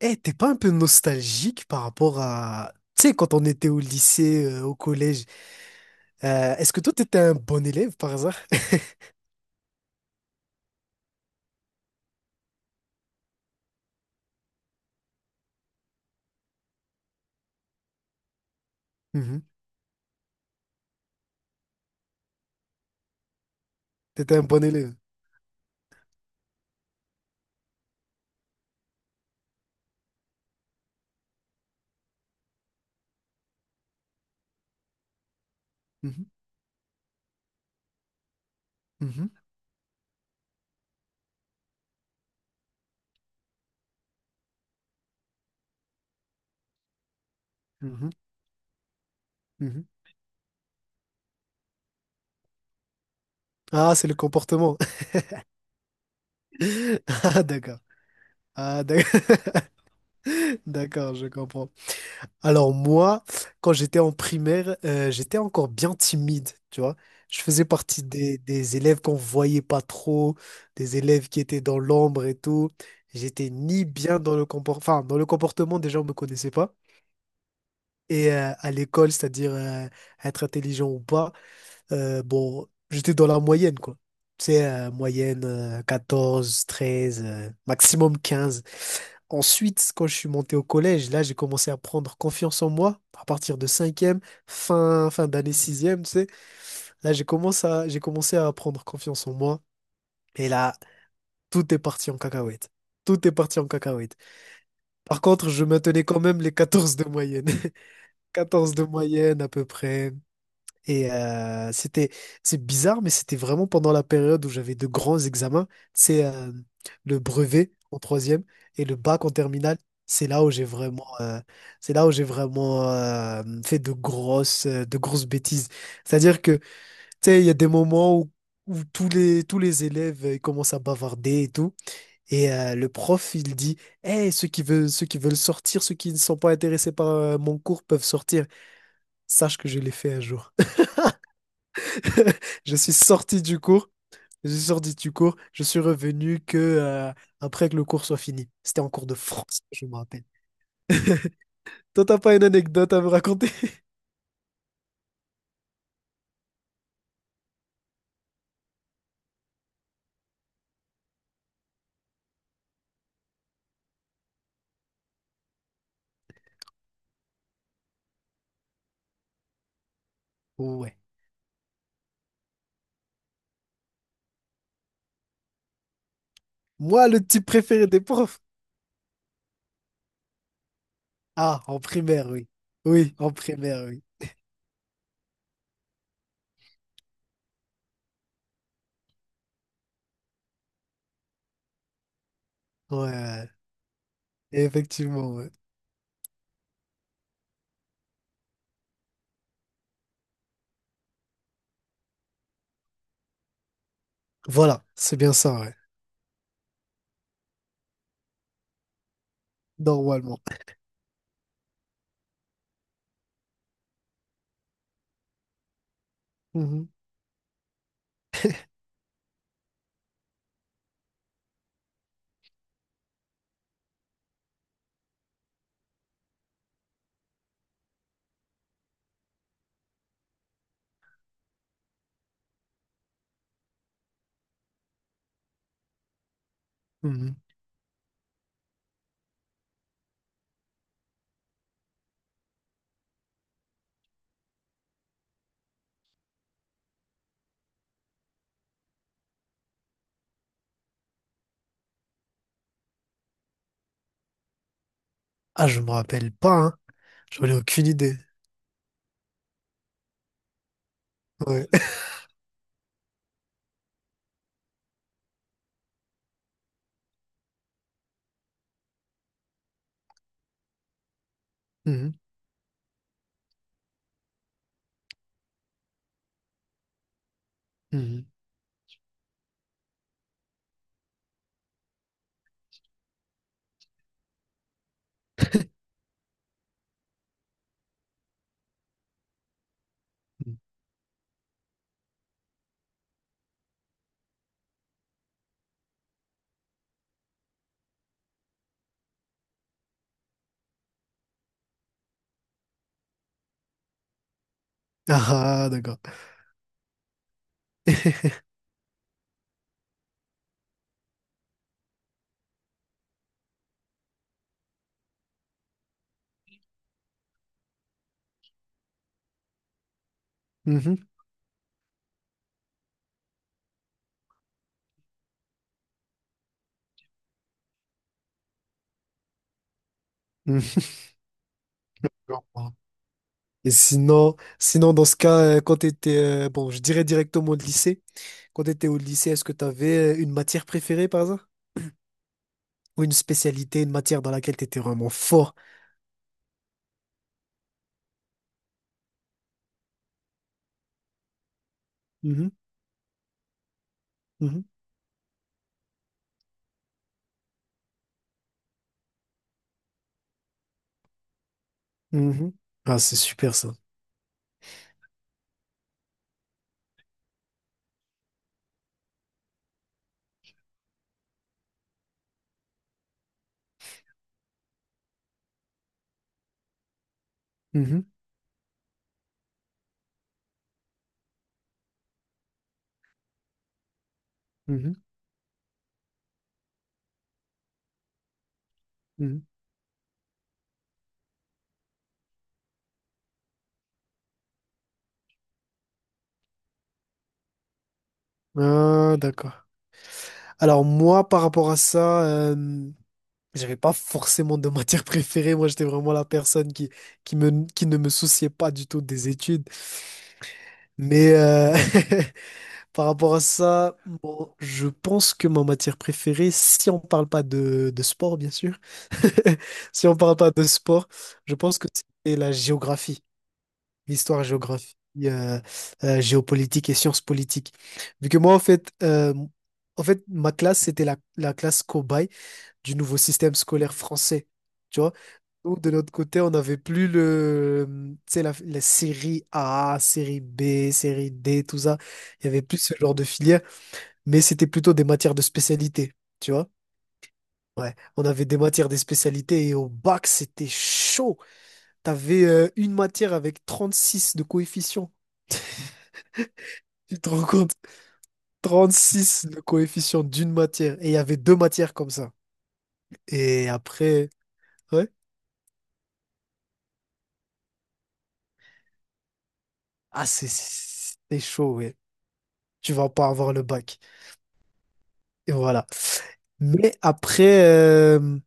Eh, t'es pas un peu nostalgique par rapport à, tu sais, quand on était au lycée, au collège, est-ce que toi, t'étais un bon élève par hasard? Mhm. T'étais un bon élève. Mhm, mhm, mhm, mhm. Ah, c'est le comportement. Ah, d'accord. Ah, d'ac- d'accord, je comprends. Alors moi, quand j'étais en primaire, j'étais encore bien timide, tu vois. Je faisais partie des élèves qu'on voyait pas trop, des élèves qui étaient dans l'ombre et tout. J'étais ni bien dans le comportement, enfin, dans le comportement, déjà, on me connaissait pas. Et à l'école, c'est-à-dire être intelligent ou pas, bon, j'étais dans la moyenne, quoi. Tu sais, moyenne 14, 13, maximum 15. Ensuite, quand je suis monté au collège, là, j'ai commencé à prendre confiance en moi à partir de cinquième, fin d'année sixième, tu sais. Là, j'ai commencé à prendre confiance en moi. Et là, tout est parti en cacahuète. Tout est parti en cacahuète. Par contre, je maintenais quand même les 14 de moyenne. 14 de moyenne à peu près. Et c'est bizarre, mais c'était vraiment pendant la période où j'avais de grands examens. C'est le brevet en troisième et le bac en terminale. C'est là où j'ai vraiment, euh, c'est là où j'ai vraiment fait de grosses bêtises. C'est-à-dire que, tu sais, il y a des moments où tous les élèves ils commencent à bavarder et tout. Et le prof, il dit, hey, ceux qui veulent sortir, ceux qui ne sont pas intéressés par mon cours peuvent sortir. Sache que je l'ai fait un jour. Je suis sorti du cours. Je suis sorti du cours. Je suis revenu que après que le cours soit fini. C'était en cours de France, je me rappelle. Toi, t'as pas une anecdote à me raconter? Ouais. Moi, le type préféré des profs. Ah, en primaire, oui. Oui, en primaire, oui. Ouais, ouais. Effectivement, ouais. Voilà, c'est bien ça, ouais. Normalement. Mhm, mhm. Ah, je me rappelle pas, hein. J'en ai aucune idée. Ouais. Mhm, mhm. Ah, ah, d'accord. Mhm, mhm. Et sinon dans ce cas, quand tu étais, bon, je dirais directement au lycée, quand tu étais au lycée, est-ce que tu avais une matière préférée par hasard? Ou une spécialité, une matière dans laquelle tu étais vraiment fort? Mhm, mhm, mhm. Ah, c'est super ça. Mhm, mhm, mhm. Ah, d'accord. Alors moi, par rapport à ça, j'avais pas forcément de matière préférée. Moi, j'étais vraiment la personne qui ne me souciait pas du tout des études. Mais, par rapport à ça, bon, je pense que ma matière préférée, si on parle pas de sport, bien sûr, si on parle pas de sport, je pense que c'est la géographie, l'histoire géographie, euh, géopolitique et sciences politiques. Vu que moi, en fait, ma classe, c'était la classe cobaye du nouveau système scolaire français. Tu vois? Nous, de notre côté, on n'avait plus tu sais, la série A, série B, série D, tout ça. Il n'y avait plus ce genre de filière mais c'était plutôt des matières de spécialité, tu vois? Ouais, on avait des matières des spécialités et au bac, c'était chaud. T'avais une matière avec 36 de coefficient. Tu te rends compte? 36 de coefficient d'une matière. Et il y avait deux matières comme ça. Et après, ouais. Ah, c'est chaud, ouais. Tu vas pas avoir le bac. Et voilà. Mais après, euh,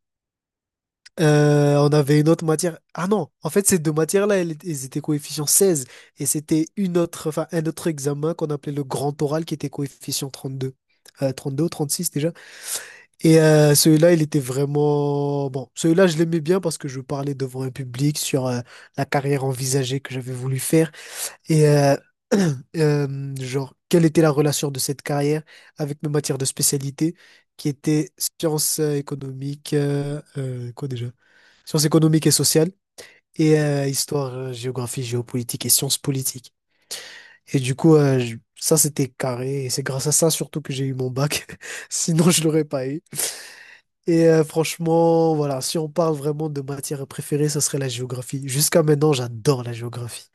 Euh, on avait une autre matière. Ah non, en fait, ces deux matières-là, elles étaient coefficient 16. Et c'était enfin, un autre examen qu'on appelait le grand oral qui était coefficient 32. Deux ou 36 déjà. Et celui-là, il était vraiment. Bon, celui-là, je l'aimais bien parce que je parlais devant un public sur la carrière envisagée que j'avais voulu faire. Et genre, quelle était la relation de cette carrière avec mes matières de spécialité qui étaient sciences économiques. Quoi déjà? Sciences économiques et sociales, et histoire, géographie, géopolitique et sciences politiques. Et du coup, ça, c'était carré. Et c'est grâce à ça surtout que j'ai eu mon bac. Sinon, je l'aurais pas eu. Et franchement, voilà, si on parle vraiment de matière préférée, ça serait la géographie. Jusqu'à maintenant, j'adore la géographie,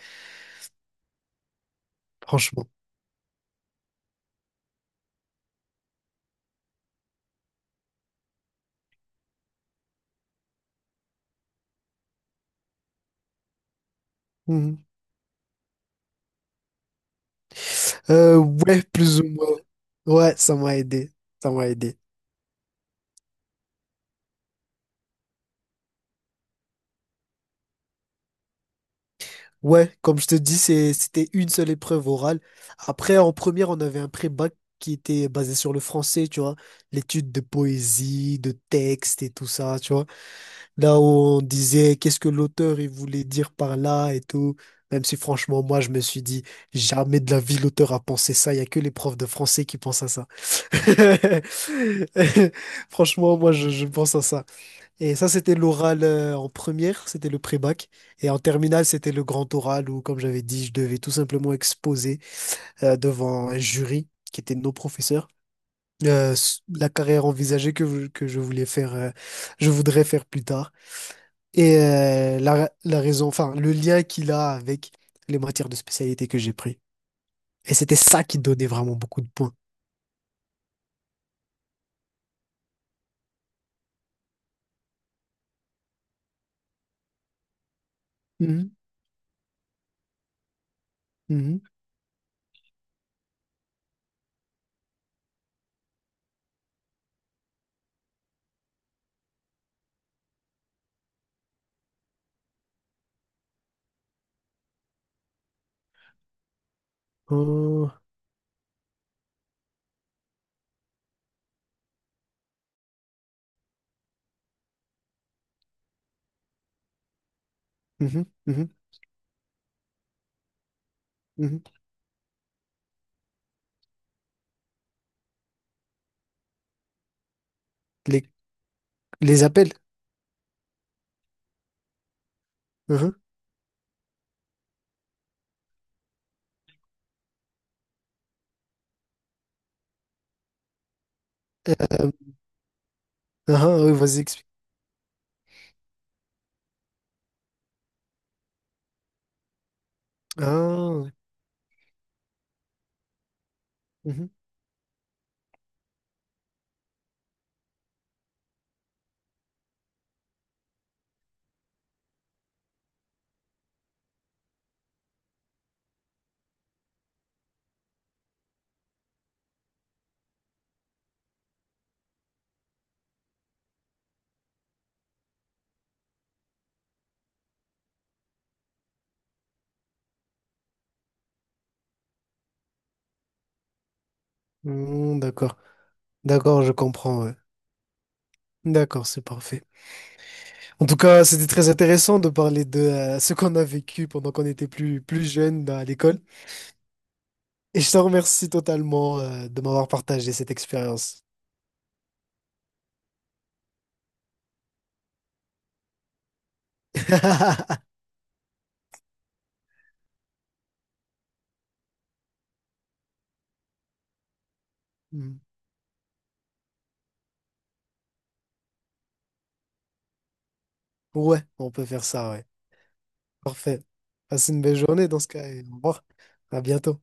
franchement. Mhm. Ouais, plus ou moins. Ouais, ça m'a aidé. Ça m'a aidé. Ouais, comme je te dis, c'était une seule épreuve orale. Après, en première, on avait un pré-bac qui était basé sur le français, tu vois, l'étude de poésie, de texte et tout ça, tu vois. Là où on disait qu'est-ce que l'auteur il voulait dire par là et tout. Même si franchement, moi, je me suis dit, jamais de la vie l'auteur a pensé ça. Il y a que les profs de français qui pensent à ça. Franchement, moi, je pense à ça. Et ça, c'était l'oral en première, c'était le pré-bac. Et en terminale, c'était le grand oral où, comme j'avais dit, je devais tout simplement exposer devant un jury qui était nos professeurs la carrière envisagée que je voulais faire, je voudrais faire plus tard. Et la raison, enfin, le lien qu'il a avec les matières de spécialité que j'ai pris. Et c'était ça qui donnait vraiment beaucoup de points. Mhm, mhm, oh, mhm, mhm, mhm. Les, les appels. Mhm. Euh, ah, ah, oui, vas-y. Ah, mhm. Mm, d'accord. D'accord, je comprends, ouais. D'accord, c'est parfait. En tout cas, c'était très intéressant de parler de ce qu'on a vécu pendant qu'on était plus jeune à l'école. Et je te remercie totalement de m'avoir partagé cette expérience. Mm. Ouais, on peut faire ça, ouais. Parfait. Passe une belle journée dans ce cas et au revoir. À bientôt.